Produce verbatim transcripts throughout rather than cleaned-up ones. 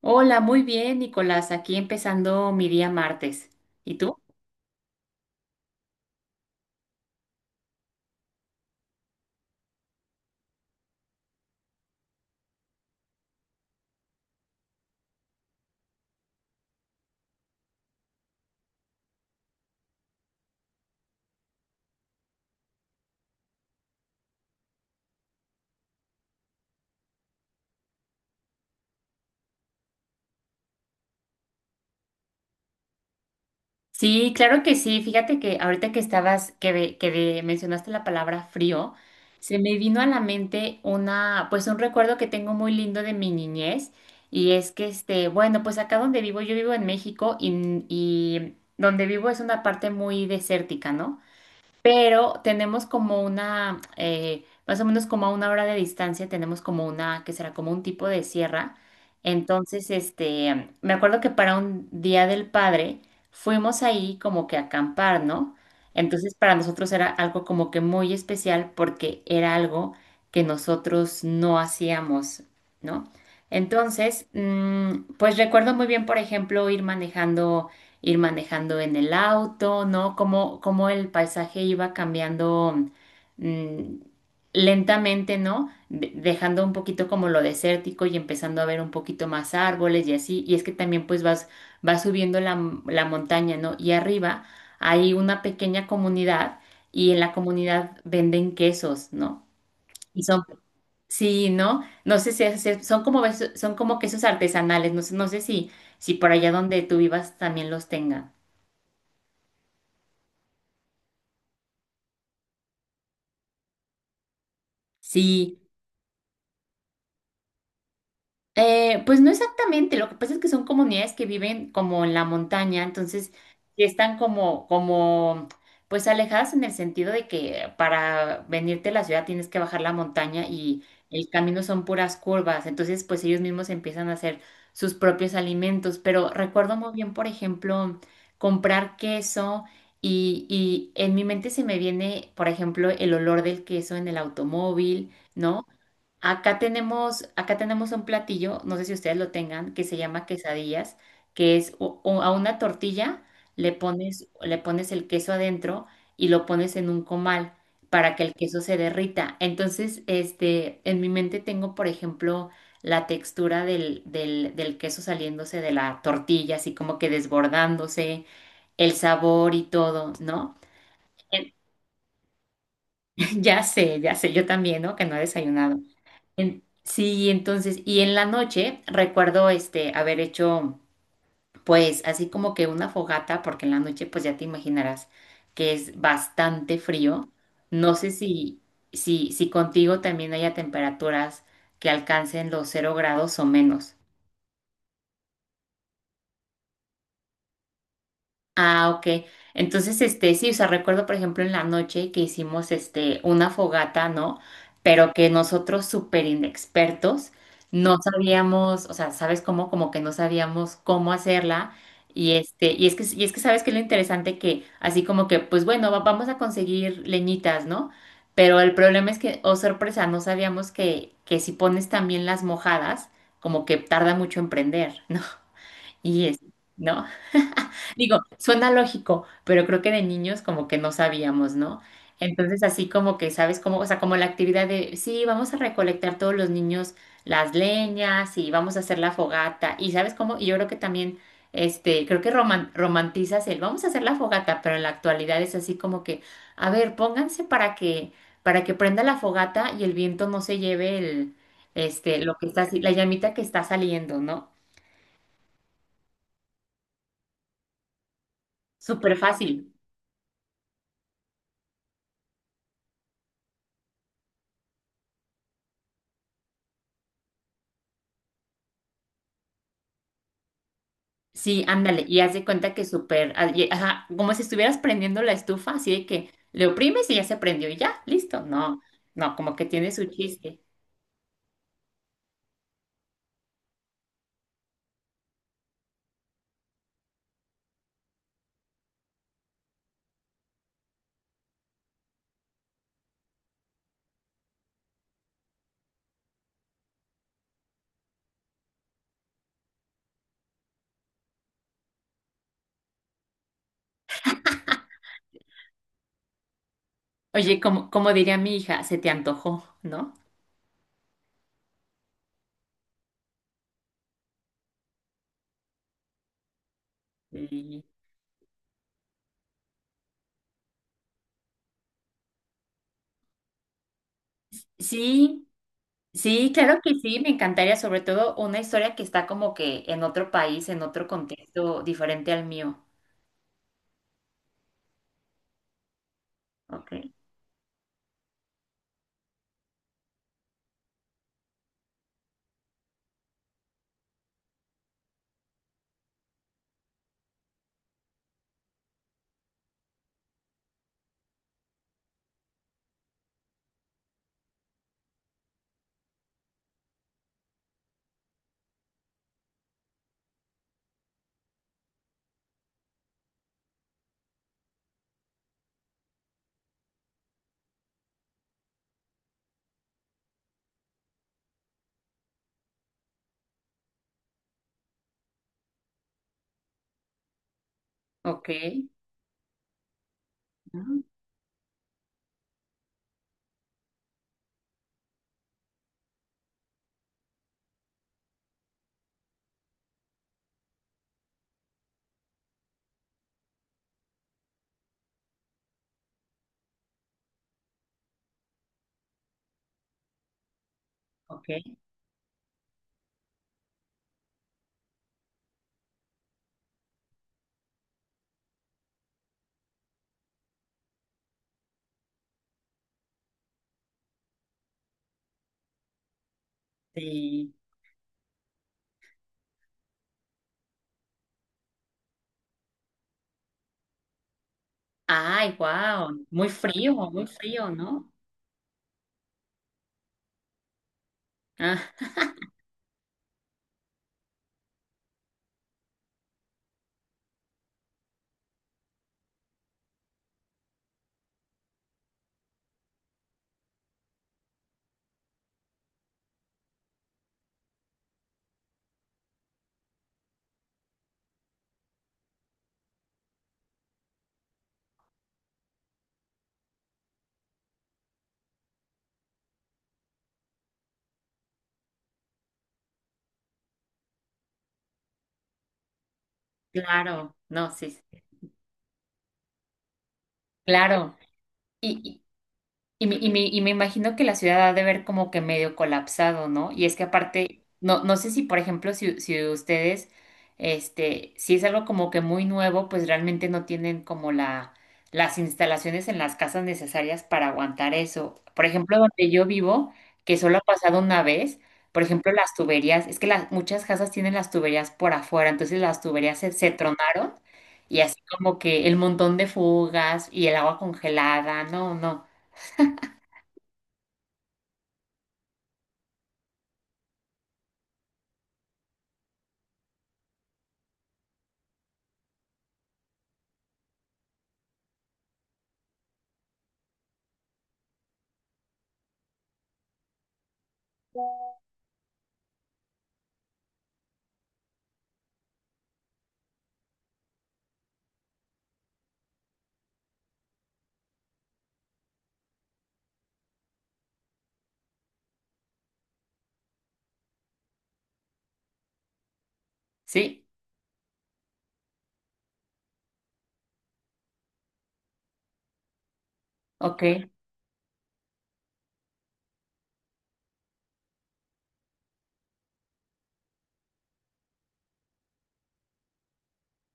Hola, muy bien, Nicolás. Aquí empezando mi día martes. ¿Y tú? Sí, claro que sí. Fíjate que ahorita que estabas, que, ve- que ve- mencionaste la palabra frío, se me vino a la mente una, pues un recuerdo que tengo muy lindo de mi niñez. Y es que, este, bueno, pues acá donde vivo, yo vivo en México y, y donde vivo es una parte muy desértica, ¿no? Pero tenemos como una, eh, más o menos como a una hora de distancia, tenemos como una, que será como un tipo de sierra. Entonces, este, me acuerdo que para un Día del Padre fuimos ahí como que a acampar, ¿no? Entonces, para nosotros era algo como que muy especial porque era algo que nosotros no hacíamos, ¿no? Entonces, mm, pues recuerdo muy bien, por ejemplo, ir manejando ir manejando en el auto, ¿no? Cómo, cómo el paisaje iba cambiando mm, lentamente, ¿no? De- dejando un poquito como lo desértico y empezando a ver un poquito más árboles y así. Y es que también pues vas, vas subiendo la, m- la montaña, ¿no? Y arriba hay una pequeña comunidad y en la comunidad venden quesos, ¿no? Y son, sí, ¿no? No sé si es- son como, beso- son como quesos artesanales, no sé, no sé si, si por allá donde tú vivas también los tengan. Sí, eh, pues no exactamente, lo que pasa es que son comunidades que viven como en la montaña, entonces sí están como, como, pues alejadas en el sentido de que para venirte a la ciudad tienes que bajar la montaña y el camino son puras curvas, entonces pues ellos mismos empiezan a hacer sus propios alimentos, pero recuerdo muy bien, por ejemplo, comprar queso y, y en mi mente se me viene, por ejemplo, el olor del queso en el automóvil, ¿no? Acá tenemos, acá tenemos un platillo, no sé si ustedes lo tengan, que se llama quesadillas, que es o- o a una tortilla le pones, le pones el queso adentro y lo pones en un comal para que el queso se derrita. Entonces, este, en mi mente tengo, por ejemplo, la textura del, del, del queso saliéndose de la tortilla, así como que desbordándose, el sabor y todo, ¿no? Ya sé, ya sé, yo también, ¿no? Que no he desayunado. En- sí, entonces, y en la noche recuerdo este haber hecho pues así como que una fogata, porque en la noche pues ya te imaginarás que es bastante frío. No sé si, si, si contigo también haya temperaturas que alcancen los cero grados o menos. Ah, ok. Entonces, este, sí, o sea, recuerdo, por ejemplo, en la noche que hicimos, este, una fogata, ¿no? Pero que nosotros, súper inexpertos, no sabíamos, o sea, ¿sabes cómo? Como que no sabíamos cómo hacerla. Y este, y es que, y es que sabes que lo interesante que, así como que, pues bueno, va- vamos a conseguir leñitas, ¿no? Pero el problema es que, oh sorpresa, no sabíamos que, que si pones también las mojadas, como que tarda mucho en prender, ¿no? Y es, ¿no? Digo, suena lógico, pero creo que de niños como que no sabíamos, ¿no? Entonces así como que, ¿sabes cómo? O sea, como la actividad de, sí, vamos a recolectar todos los niños las leñas y vamos a hacer la fogata. Y ¿sabes cómo? Y yo creo que también, este, creo que roman- romantizas el, vamos a hacer la fogata, pero en la actualidad es así como que, a ver, pónganse para que, para que prenda la fogata y el viento no se lleve el, este, lo que está, así- la llamita que está saliendo, ¿no? Súper fácil. Sí, ándale, y haz de cuenta que súper, ah, y- ajá, como si estuvieras prendiendo la estufa, así de que le oprimes y ya se prendió y ya, listo. No, no, como que tiene su chiste. Oye, como, como diría mi hija, se te antojó, ¿no? Y- Sí, sí, claro que sí, me encantaría, sobre todo una historia que está como que en otro país, en otro contexto diferente al mío. Ok, ok, ujú, ok, sí. Ay, wow, muy frío, muy frío, ¿no? Ah. Claro, no, sí, sí. Claro. Y, y me, y me- y me imagino que la ciudad ha de ver como que medio colapsado, ¿no? Y es que aparte, no, no sé si, por ejemplo, si, si ustedes, este, si es algo como que muy nuevo, pues realmente no tienen como la, las instalaciones en las casas necesarias para aguantar eso. Por ejemplo, donde yo vivo, que solo ha pasado una vez, por ejemplo, las tuberías, es que las, muchas casas tienen las tuberías por afuera, entonces las tuberías se, se tronaron y así como que el montón de fugas y el agua congelada, no, no. Sí, ok.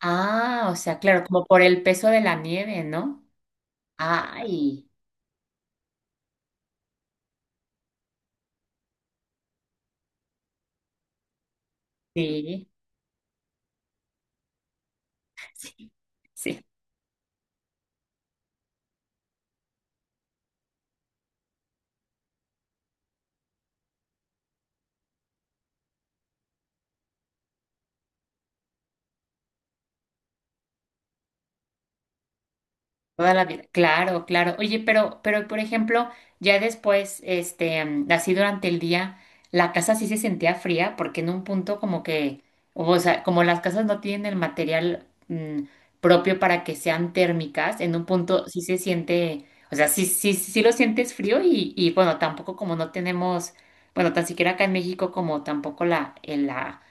Ah, o sea, claro, como por el peso de la nieve, ¿no? Ay, sí, sí, sí. Toda la vida. Claro, claro. Oye, pero, pero por ejemplo, ya después, este, mm, así durante el día, la casa sí se sentía fría, porque en un punto como que, o sea, como las casas no tienen el material mm, propio para que sean térmicas, en un punto sí se siente, o sea, sí, sí, sí lo sientes frío y, y bueno, tampoco como no tenemos, bueno, tan siquiera acá en México como tampoco la, el- la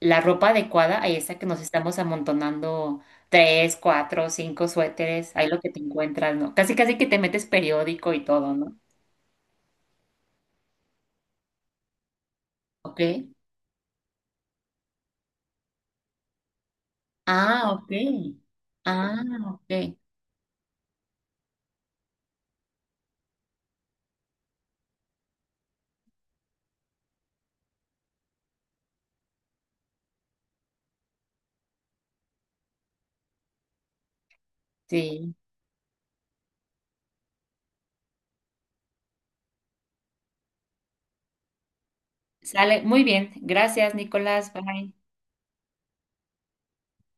la ropa adecuada ahí está que nos estamos amontonando tres, cuatro, cinco suéteres, ahí lo que te encuentras, ¿no? Casi casi que te metes periódico y todo, ¿no? Ok. Ah, ok. Ah, ok. Sí. Sale. Muy bien. Gracias, Nicolás. Bye.